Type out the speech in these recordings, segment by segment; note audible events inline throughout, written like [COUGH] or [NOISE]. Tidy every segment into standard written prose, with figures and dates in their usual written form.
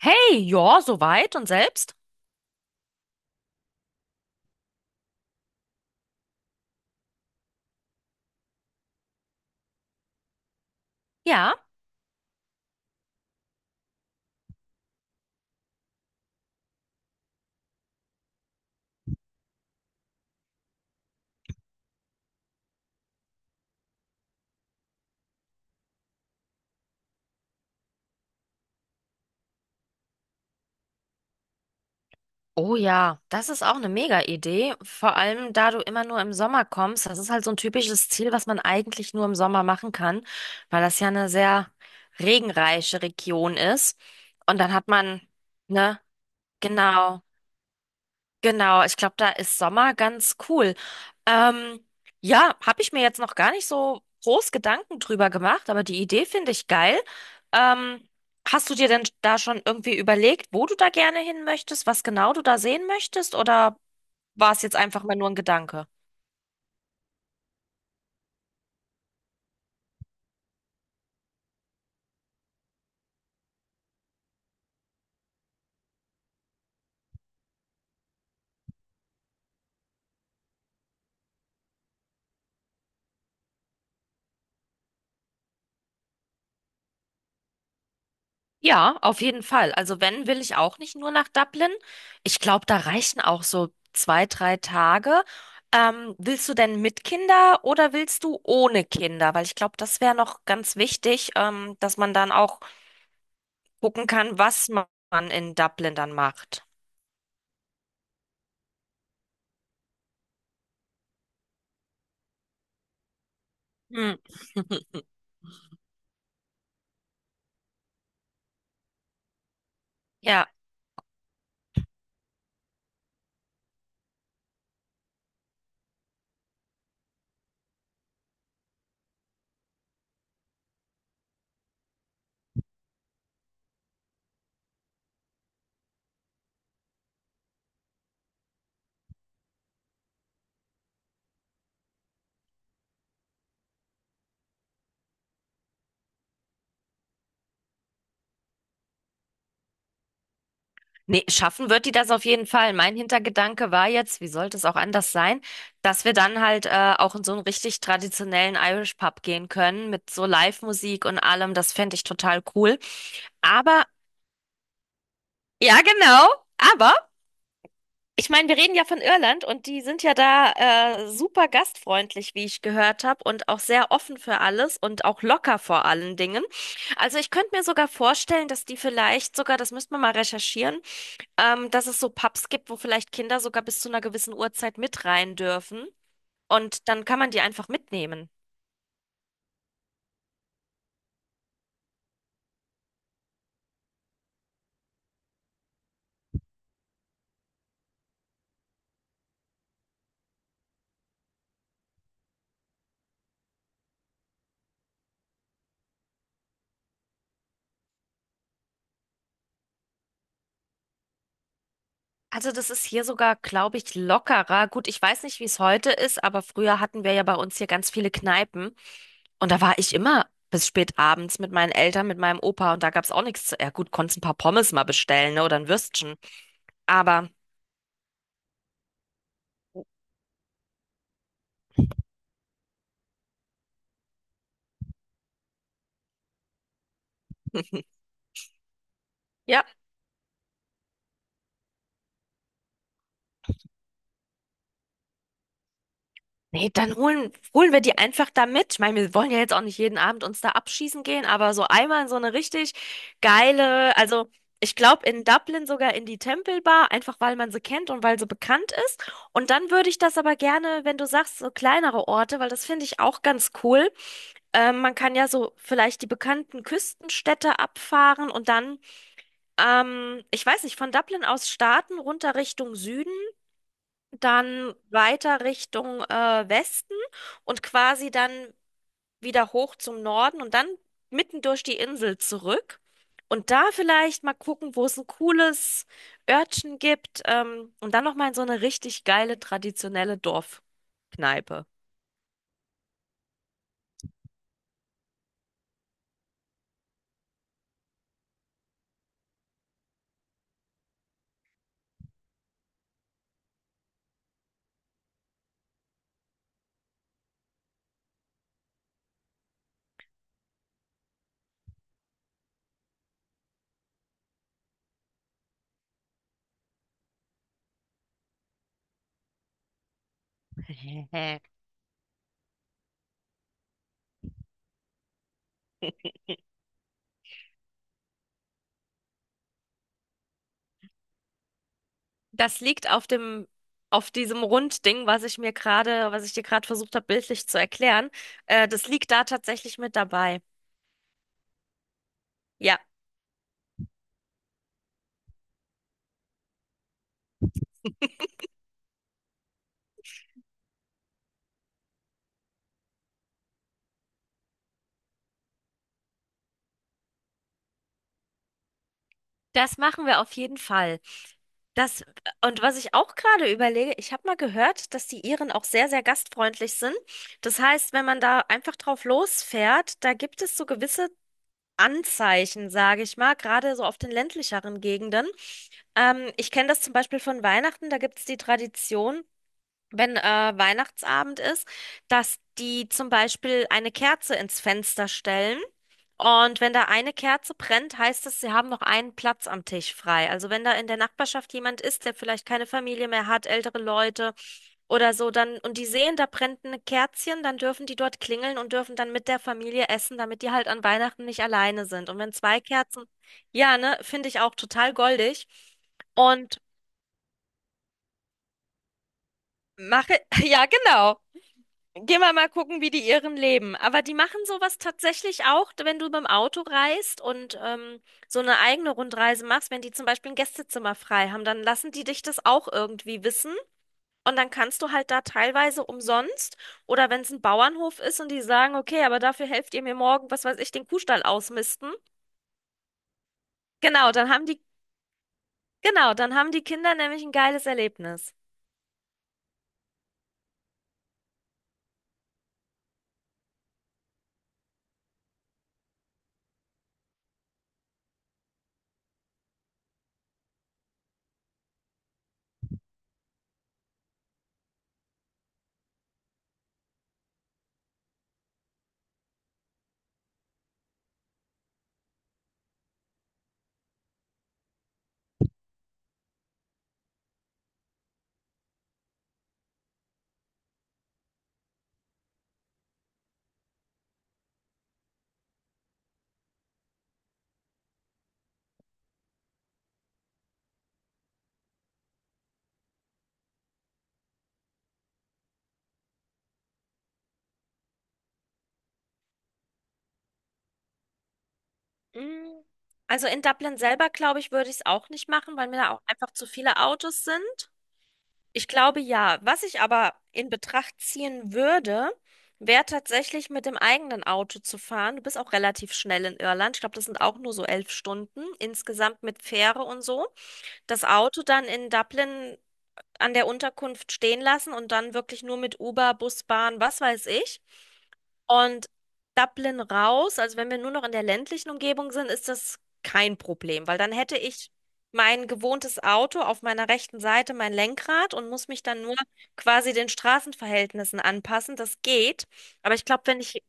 Hey, ja, soweit und selbst? Ja. Oh ja, das ist auch eine Mega-Idee. Vor allem, da du immer nur im Sommer kommst. Das ist halt so ein typisches Ziel, was man eigentlich nur im Sommer machen kann, weil das ja eine sehr regenreiche Region ist. Und dann hat man, ne, genau. Genau, ich glaube, da ist Sommer ganz cool. Ähm, ja, habe ich mir jetzt noch gar nicht so groß Gedanken drüber gemacht, aber die Idee finde ich geil. Ähm, hast du dir denn da schon irgendwie überlegt, wo du da gerne hin möchtest, was genau du da sehen möchtest, oder war es jetzt einfach mal nur ein Gedanke? Ja, auf jeden Fall. Also wenn, will ich auch nicht nur nach Dublin. Ich glaube, da reichen auch so zwei, drei Tage. Willst du denn mit Kinder oder willst du ohne Kinder? Weil ich glaube, das wäre noch ganz wichtig, dass man dann auch gucken kann, was man in Dublin dann macht. Hm. [LAUGHS] Ja. Nee, schaffen wird die das auf jeden Fall. Mein Hintergedanke war jetzt, wie sollte es auch anders sein, dass wir dann halt auch in so einen richtig traditionellen Irish Pub gehen können mit so Live-Musik und allem. Das fände ich total cool. Aber, ja, genau. Aber, ich meine, wir reden ja von Irland und die sind ja da super gastfreundlich, wie ich gehört habe, und auch sehr offen für alles und auch locker vor allen Dingen. Also ich könnte mir sogar vorstellen, dass die vielleicht sogar, das müsste man mal recherchieren, dass es so Pubs gibt, wo vielleicht Kinder sogar bis zu einer gewissen Uhrzeit mit rein dürfen. Und dann kann man die einfach mitnehmen. Also das ist hier sogar, glaube ich, lockerer. Gut, ich weiß nicht, wie es heute ist, aber früher hatten wir ja bei uns hier ganz viele Kneipen. Und da war ich immer bis spät abends mit meinen Eltern, mit meinem Opa. Und da gab es auch nichts zu. Ja gut, konntest ein paar Pommes mal bestellen, ne, oder ein Würstchen. Aber [LAUGHS] ja. Nee, dann holen wir die einfach da mit. Ich meine, wir wollen ja jetzt auch nicht jeden Abend uns da abschießen gehen, aber so einmal in so eine richtig geile, also ich glaube in Dublin sogar in die Temple Bar, einfach weil man sie kennt und weil sie bekannt ist. Und dann würde ich das aber gerne, wenn du sagst, so kleinere Orte, weil das finde ich auch ganz cool. Man kann ja so vielleicht die bekannten Küstenstädte abfahren und dann, ich weiß nicht, von Dublin aus starten, runter Richtung Süden dann weiter Richtung Westen und quasi dann wieder hoch zum Norden und dann mitten durch die Insel zurück. Und da vielleicht mal gucken, wo es ein cooles Örtchen gibt. Und dann nochmal in so eine richtig geile traditionelle Dorfkneipe. [LAUGHS] Das liegt auf dem, auf diesem Rundding, was ich mir gerade, was ich dir gerade versucht habe, bildlich zu erklären. Das liegt da tatsächlich mit dabei. Ja, das machen wir auf jeden Fall. Das, und was ich auch gerade überlege, ich habe mal gehört, dass die Iren auch sehr, sehr gastfreundlich sind. Das heißt, wenn man da einfach drauf losfährt, da gibt es so gewisse Anzeichen, sage ich mal, gerade so auf den ländlicheren Gegenden. Ich kenne das zum Beispiel von Weihnachten, da gibt es die Tradition, wenn Weihnachtsabend ist, dass die zum Beispiel eine Kerze ins Fenster stellen. Und wenn da eine Kerze brennt, heißt es, sie haben noch einen Platz am Tisch frei. Also wenn da in der Nachbarschaft jemand ist, der vielleicht keine Familie mehr hat, ältere Leute oder so, dann und die sehen, da brennt ein Kerzchen, dann dürfen die dort klingeln und dürfen dann mit der Familie essen, damit die halt an Weihnachten nicht alleine sind. Und wenn zwei Kerzen, ja, ne, finde ich auch total goldig. Und mache, [LAUGHS] ja, genau. Gehen wir mal gucken, wie die Iren leben. Aber die machen sowas tatsächlich auch, wenn du beim Auto reist und so eine eigene Rundreise machst, wenn die zum Beispiel ein Gästezimmer frei haben, dann lassen die dich das auch irgendwie wissen. Und dann kannst du halt da teilweise umsonst oder wenn es ein Bauernhof ist und die sagen, okay, aber dafür helft ihr mir morgen, was weiß ich, den Kuhstall ausmisten. Genau, dann haben die, genau, dann haben die Kinder nämlich ein geiles Erlebnis. Mm. Also in Dublin selber, glaube ich, würde ich es auch nicht machen, weil mir da auch einfach zu viele Autos sind. Ich glaube ja. Was ich aber in Betracht ziehen würde, wäre tatsächlich mit dem eigenen Auto zu fahren. Du bist auch relativ schnell in Irland. Ich glaube, das sind auch nur so 11 Stunden insgesamt mit Fähre und so. Das Auto dann in Dublin an der Unterkunft stehen lassen und dann wirklich nur mit Uber, Bus, Bahn, was weiß ich. Und Dublin raus, also wenn wir nur noch in der ländlichen Umgebung sind, ist das kein Problem, weil dann hätte ich mein gewohntes Auto auf meiner rechten Seite, mein Lenkrad und muss mich dann nur quasi den Straßenverhältnissen anpassen. Das geht. Aber ich glaube, wenn ich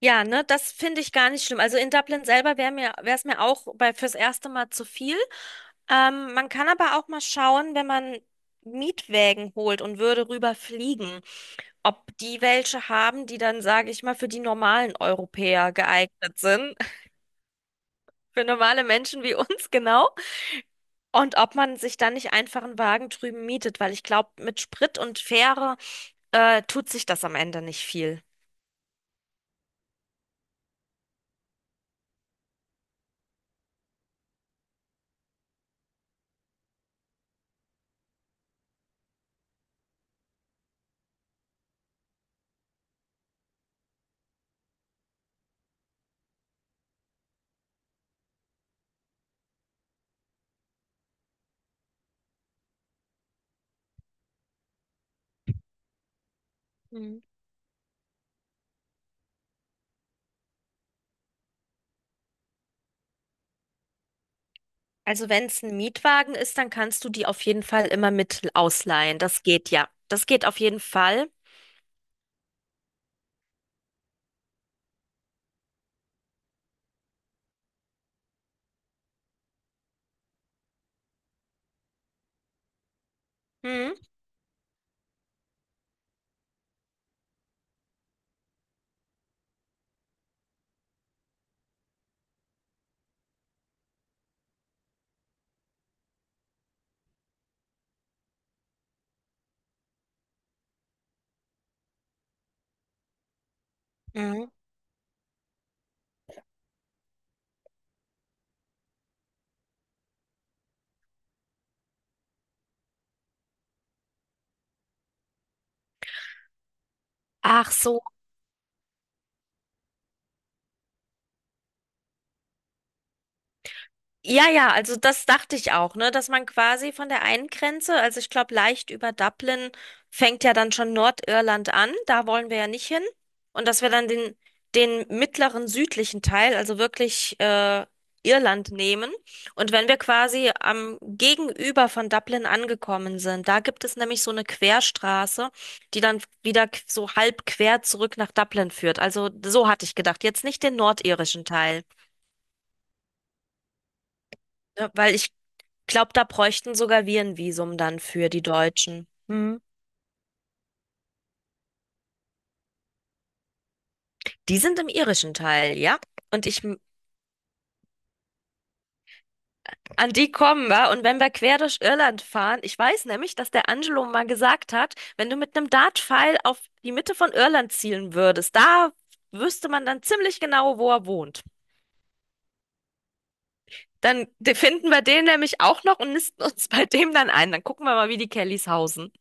Ja, ne, das finde ich gar nicht schlimm. Also in Dublin selber wäre mir, wäre es mir auch bei, fürs erste Mal zu viel. Man kann aber auch mal schauen, wenn man Mietwägen holt und würde rüber fliegen, ob die welche haben, die dann, sage ich mal, für die normalen Europäer geeignet sind, [LAUGHS] für normale Menschen wie uns [LAUGHS] genau, und ob man sich dann nicht einfach einen Wagen drüben mietet, weil ich glaube, mit Sprit und Fähre, tut sich das am Ende nicht viel. Also wenn es ein Mietwagen ist, dann kannst du die auf jeden Fall immer mit ausleihen. Das geht ja. Das geht auf jeden Fall. Mhm. Mhm. Ach so, ja, ja, also das dachte ich auch, ne, dass man quasi von der einen Grenze, also ich glaube leicht über Dublin fängt ja dann schon Nordirland an, da wollen wir ja nicht hin und dass wir dann den den mittleren südlichen Teil, also wirklich Irland nehmen und wenn wir quasi am Gegenüber von Dublin angekommen sind, da gibt es nämlich so eine Querstraße, die dann wieder so halb quer zurück nach Dublin führt. Also so hatte ich gedacht, jetzt nicht den nordirischen Teil. Ja, weil ich glaube, da bräuchten sogar wir ein Visum dann für die Deutschen. Hm. Die sind im irischen Teil, ja? Und ich, an die kommen wir. Und wenn wir quer durch Irland fahren, ich weiß nämlich, dass der Angelo mal gesagt hat, wenn du mit einem Dartpfeil auf die Mitte von Irland zielen würdest, da wüsste man dann ziemlich genau, wo er wohnt. Dann finden wir den nämlich auch noch und nisten uns bei dem dann ein. Dann gucken wir mal, wie die Kellys hausen.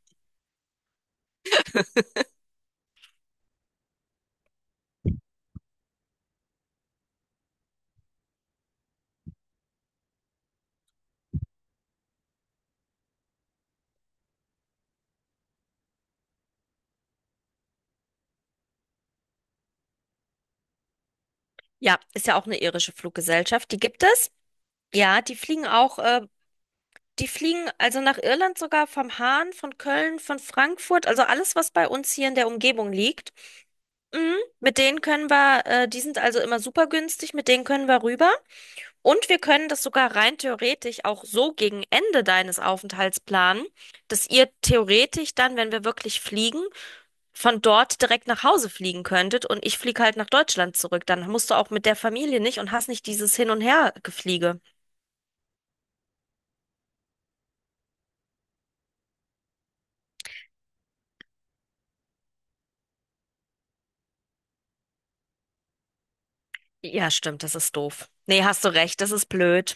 Ja, ist ja auch eine irische Fluggesellschaft. Die gibt es. Ja, die fliegen auch, die fliegen also nach Irland sogar vom Hahn, von Köln, von Frankfurt, also alles, was bei uns hier in der Umgebung liegt. Mhm. Mit denen können wir, die sind also immer super günstig, mit denen können wir rüber. Und wir können das sogar rein theoretisch auch so gegen Ende deines Aufenthalts planen, dass ihr theoretisch dann, wenn wir wirklich fliegen, von dort direkt nach Hause fliegen könntet und ich fliege halt nach Deutschland zurück. Dann musst du auch mit der Familie nicht und hast nicht dieses Hin- und Her-Gefliege. Ja, stimmt, das ist doof. Nee, hast du recht, das ist blöd.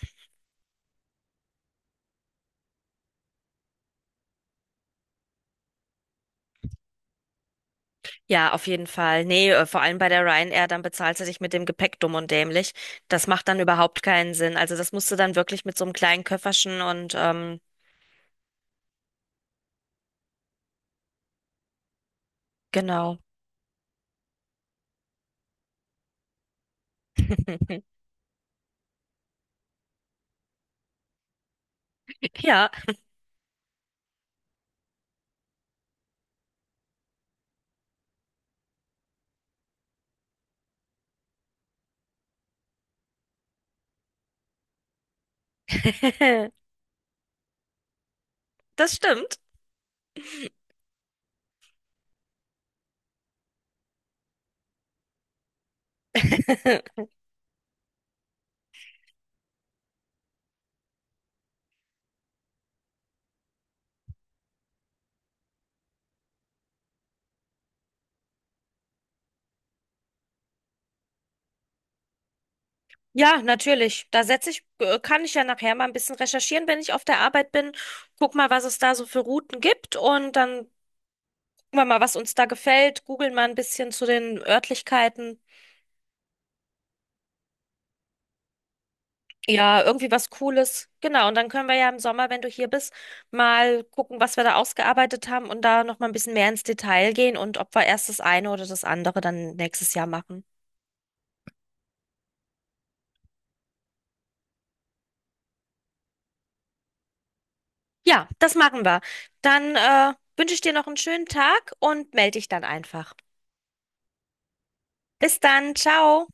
Ja, auf jeden Fall. Nee, vor allem bei der Ryanair, dann bezahlst du dich mit dem Gepäck dumm und dämlich. Das macht dann überhaupt keinen Sinn. Also das musst du dann wirklich mit so einem kleinen Köfferchen und genau. [LAUGHS] Ja, [LAUGHS] das stimmt. [LAUGHS] Ja, natürlich. Da setze ich, kann ich ja nachher mal ein bisschen recherchieren, wenn ich auf der Arbeit bin. Guck mal, was es da so für Routen gibt und dann gucken wir mal, was uns da gefällt. Googeln mal ein bisschen zu den Örtlichkeiten. Ja, irgendwie was Cooles. Genau. Und dann können wir ja im Sommer, wenn du hier bist, mal gucken, was wir da ausgearbeitet haben und da noch mal ein bisschen mehr ins Detail gehen und ob wir erst das eine oder das andere dann nächstes Jahr machen. Ja, das machen wir. Dann, wünsche ich dir noch einen schönen Tag und melde dich dann einfach. Bis dann. Ciao.